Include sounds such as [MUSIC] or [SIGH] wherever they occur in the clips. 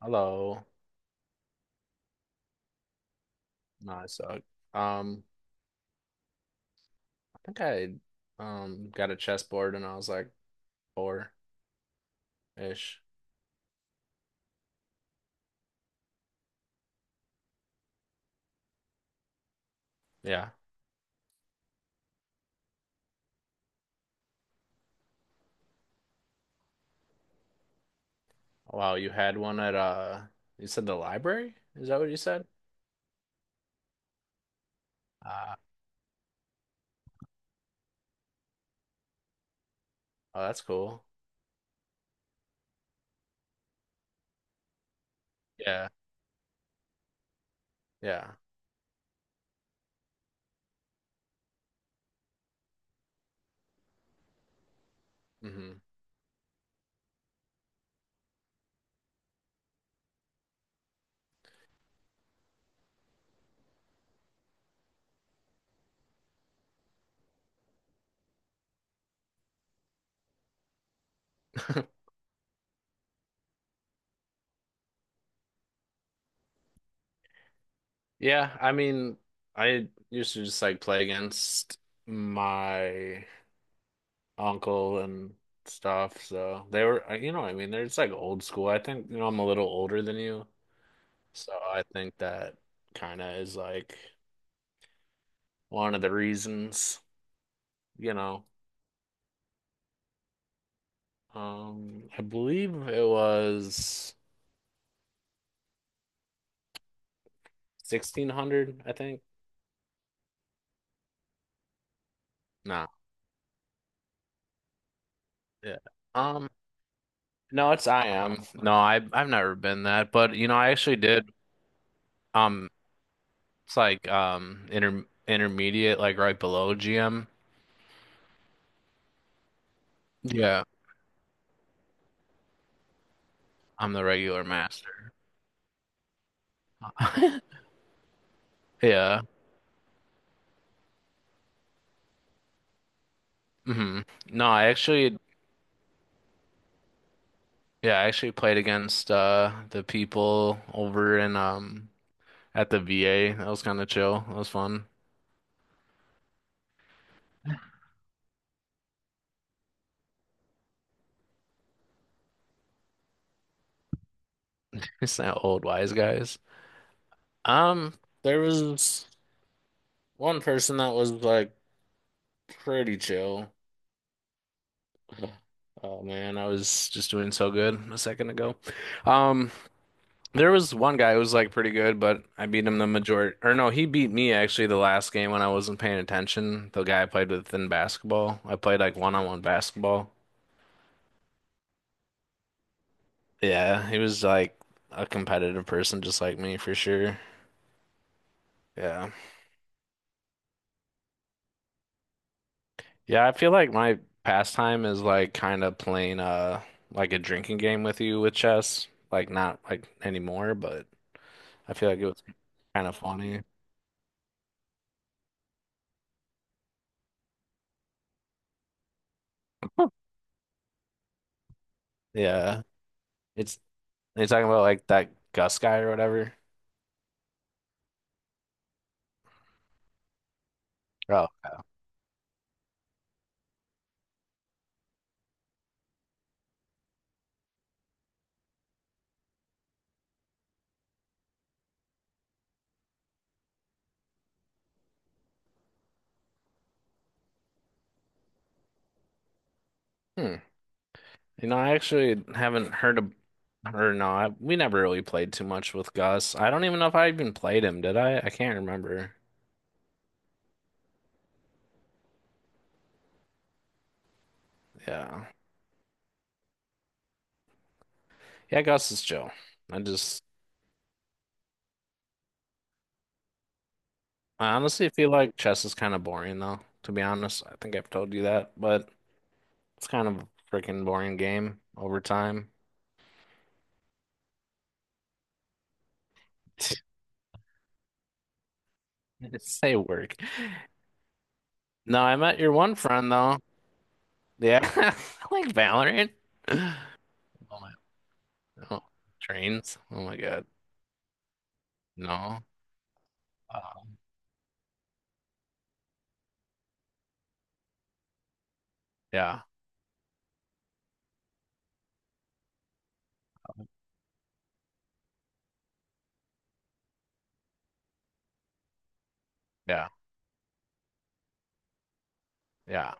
Hello. No, I suck. Um, I think I got a chessboard and I was like four ish. Yeah. Oh, wow, you had one at you said the library? Is that what you said? Uh, oh, that's cool. Yeah. Yeah. Hmm. Yeah, I mean, I used to just like play against my uncle and stuff. So they were, you know, what I mean, they're just like old school. I think, I'm a little older than you. So I think that kind of is like one of the reasons, you know. I believe it was 1600, I think. No. Yeah. Um, no, it's I am. No, I've never been that, but you know, I actually did um it's like intermediate like right below GM. Yeah. I'm the regular master. [LAUGHS] Yeah. Hmm. No, I actually played against the people over in at the VA. That was kind of chill. That was fun. We sound old wise guys. Um, there was one person that was like pretty chill. [SIGHS] Oh man, I was just doing so good a second ago. Um, there was one guy who was like pretty good, but I beat him the majority, or no, he beat me actually the last game when I wasn't paying attention. The guy I played with in basketball, I played like one-on-one basketball. Yeah, he was like a competitive person just like me for sure. Yeah. Yeah, I feel like my pastime is like kind of playing like a drinking game with you with chess. Like not like anymore, but I feel like it was kind of funny. Yeah. It's are you talking about like that Gus guy or whatever. Oh. Hmm. You know, I actually haven't heard of or no, we never really played too much with Gus. I don't even know if I even played him, did I? I can't remember. Yeah. Yeah, Gus is chill. I just I honestly feel like chess is kind of boring though, to be honest. I think I've told you that, but it's kind of a freaking boring game over time. [LAUGHS] Say work. No, I met your one friend though. Yeah, [LAUGHS] I like Valorant. Oh my, oh, trains. Oh my God. No. Um, yeah, yeah, yeah.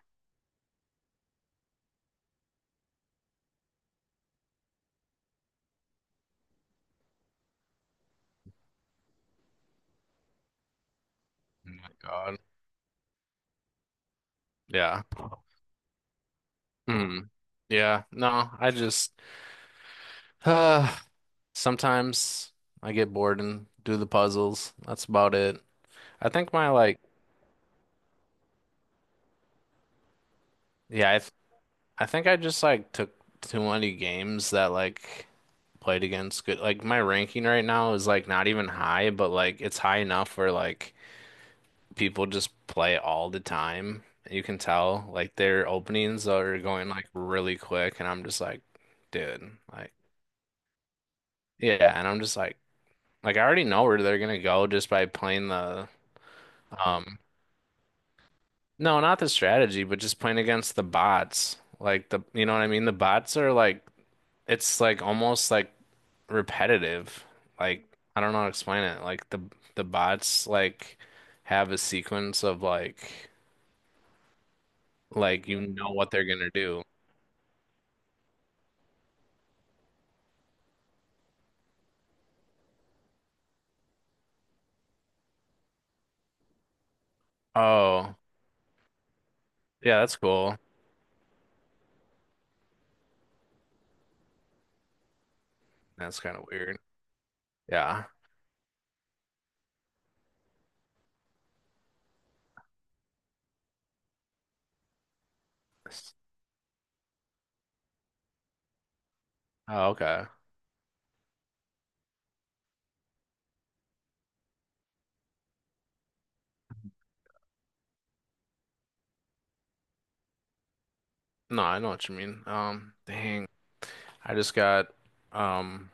Oh my God. Yeah. Hmm. Yeah. No, I just [SIGHS] uh, sometimes I get bored and do the puzzles. That's about it. I think my like, yeah, I think I just like took too many games that like played against good like my ranking right now is like not even high, but like it's high enough where like people just play all the time. You can tell like their openings are going like really quick and I'm just like, dude, like yeah, and I'm just like I already know where they're gonna go just by playing the um no, not the strategy, but just playing against the bots. Like the you know what I mean? The bots are like it's like almost like repetitive. Like I don't know how to explain it. Like the bots like have a sequence of like you know what they're gonna do. Oh, yeah, that's cool. That's kind of weird. Yeah. Oh, okay. No, I know what you mean. Dang. I just got um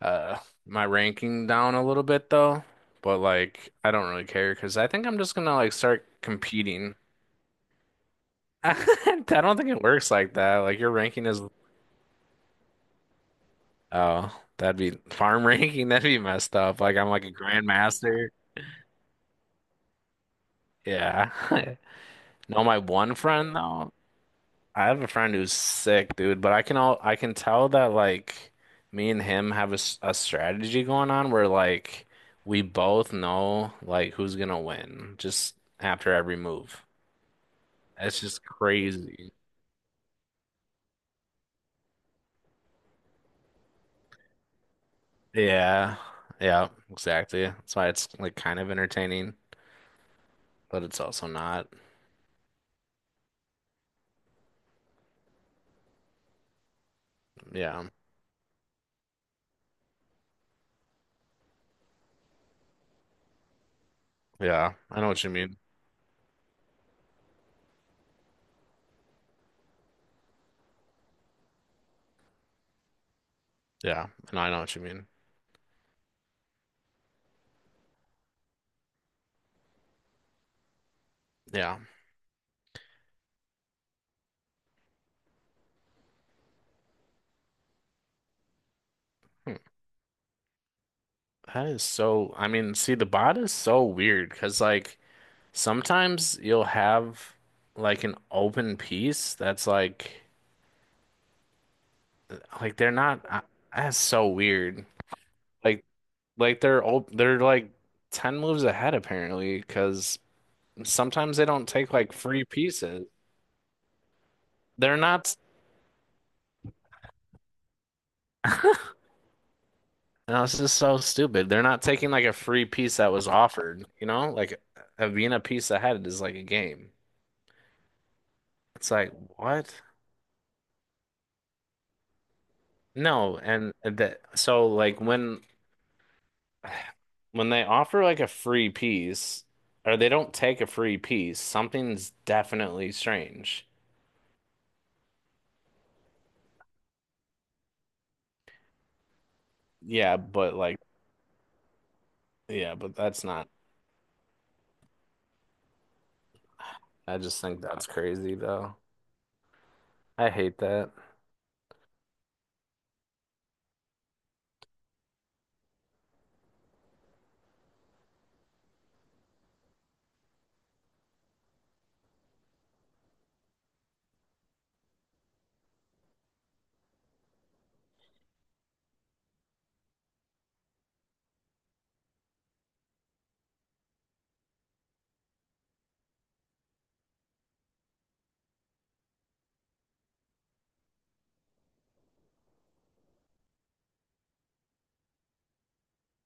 uh my ranking down a little bit though, but like I don't really care because I think I'm just gonna like start competing. [LAUGHS] I don't think it works like that. Like your ranking is oh, that'd be farm [LAUGHS] ranking. That'd be messed up. Like I'm like a grandmaster. Yeah. [LAUGHS] No, my one friend though. I have a friend who's sick, dude. But I can all I can tell that like me and him have a, a strategy going on where like we both know like who's gonna win just after every move. It's just crazy. Yeah. Yeah. Exactly. That's why it's like kind of entertaining, but it's also not. Yeah. Yeah. I know what you mean. Yeah, and I know what you mean. Yeah. Hmm. That is so, I mean, see, the bot is so weird because, like, sometimes you'll have, like, an open piece that's, like, they're not, that's so weird. Like, like, they're, like, 10 moves ahead, apparently, because sometimes they don't take, like, free pieces. They're not, no, this is so stupid. They're not taking, like, a free piece that was offered, you know? Like, a being a piece ahead is, like, a game. It's like, what? No, and the so like when they offer like a free piece or they don't take a free piece, something's definitely strange. Yeah, but like yeah, but that's not. I just think that's crazy though. I hate that.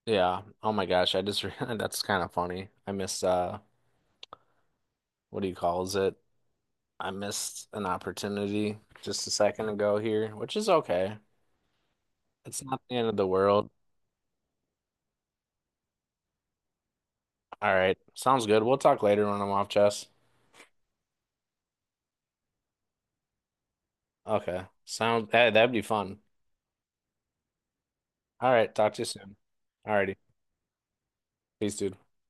Yeah. Oh my gosh, I just [LAUGHS] realized that's kind of funny. I missed what do you calls it? I missed an opportunity just a second ago here, which is okay. It's not the end of the world. All right. Sounds good. We'll talk later when I'm off, chess. Okay. Sound that that'd be fun. All right, talk to you soon. All righty. Peace, dude.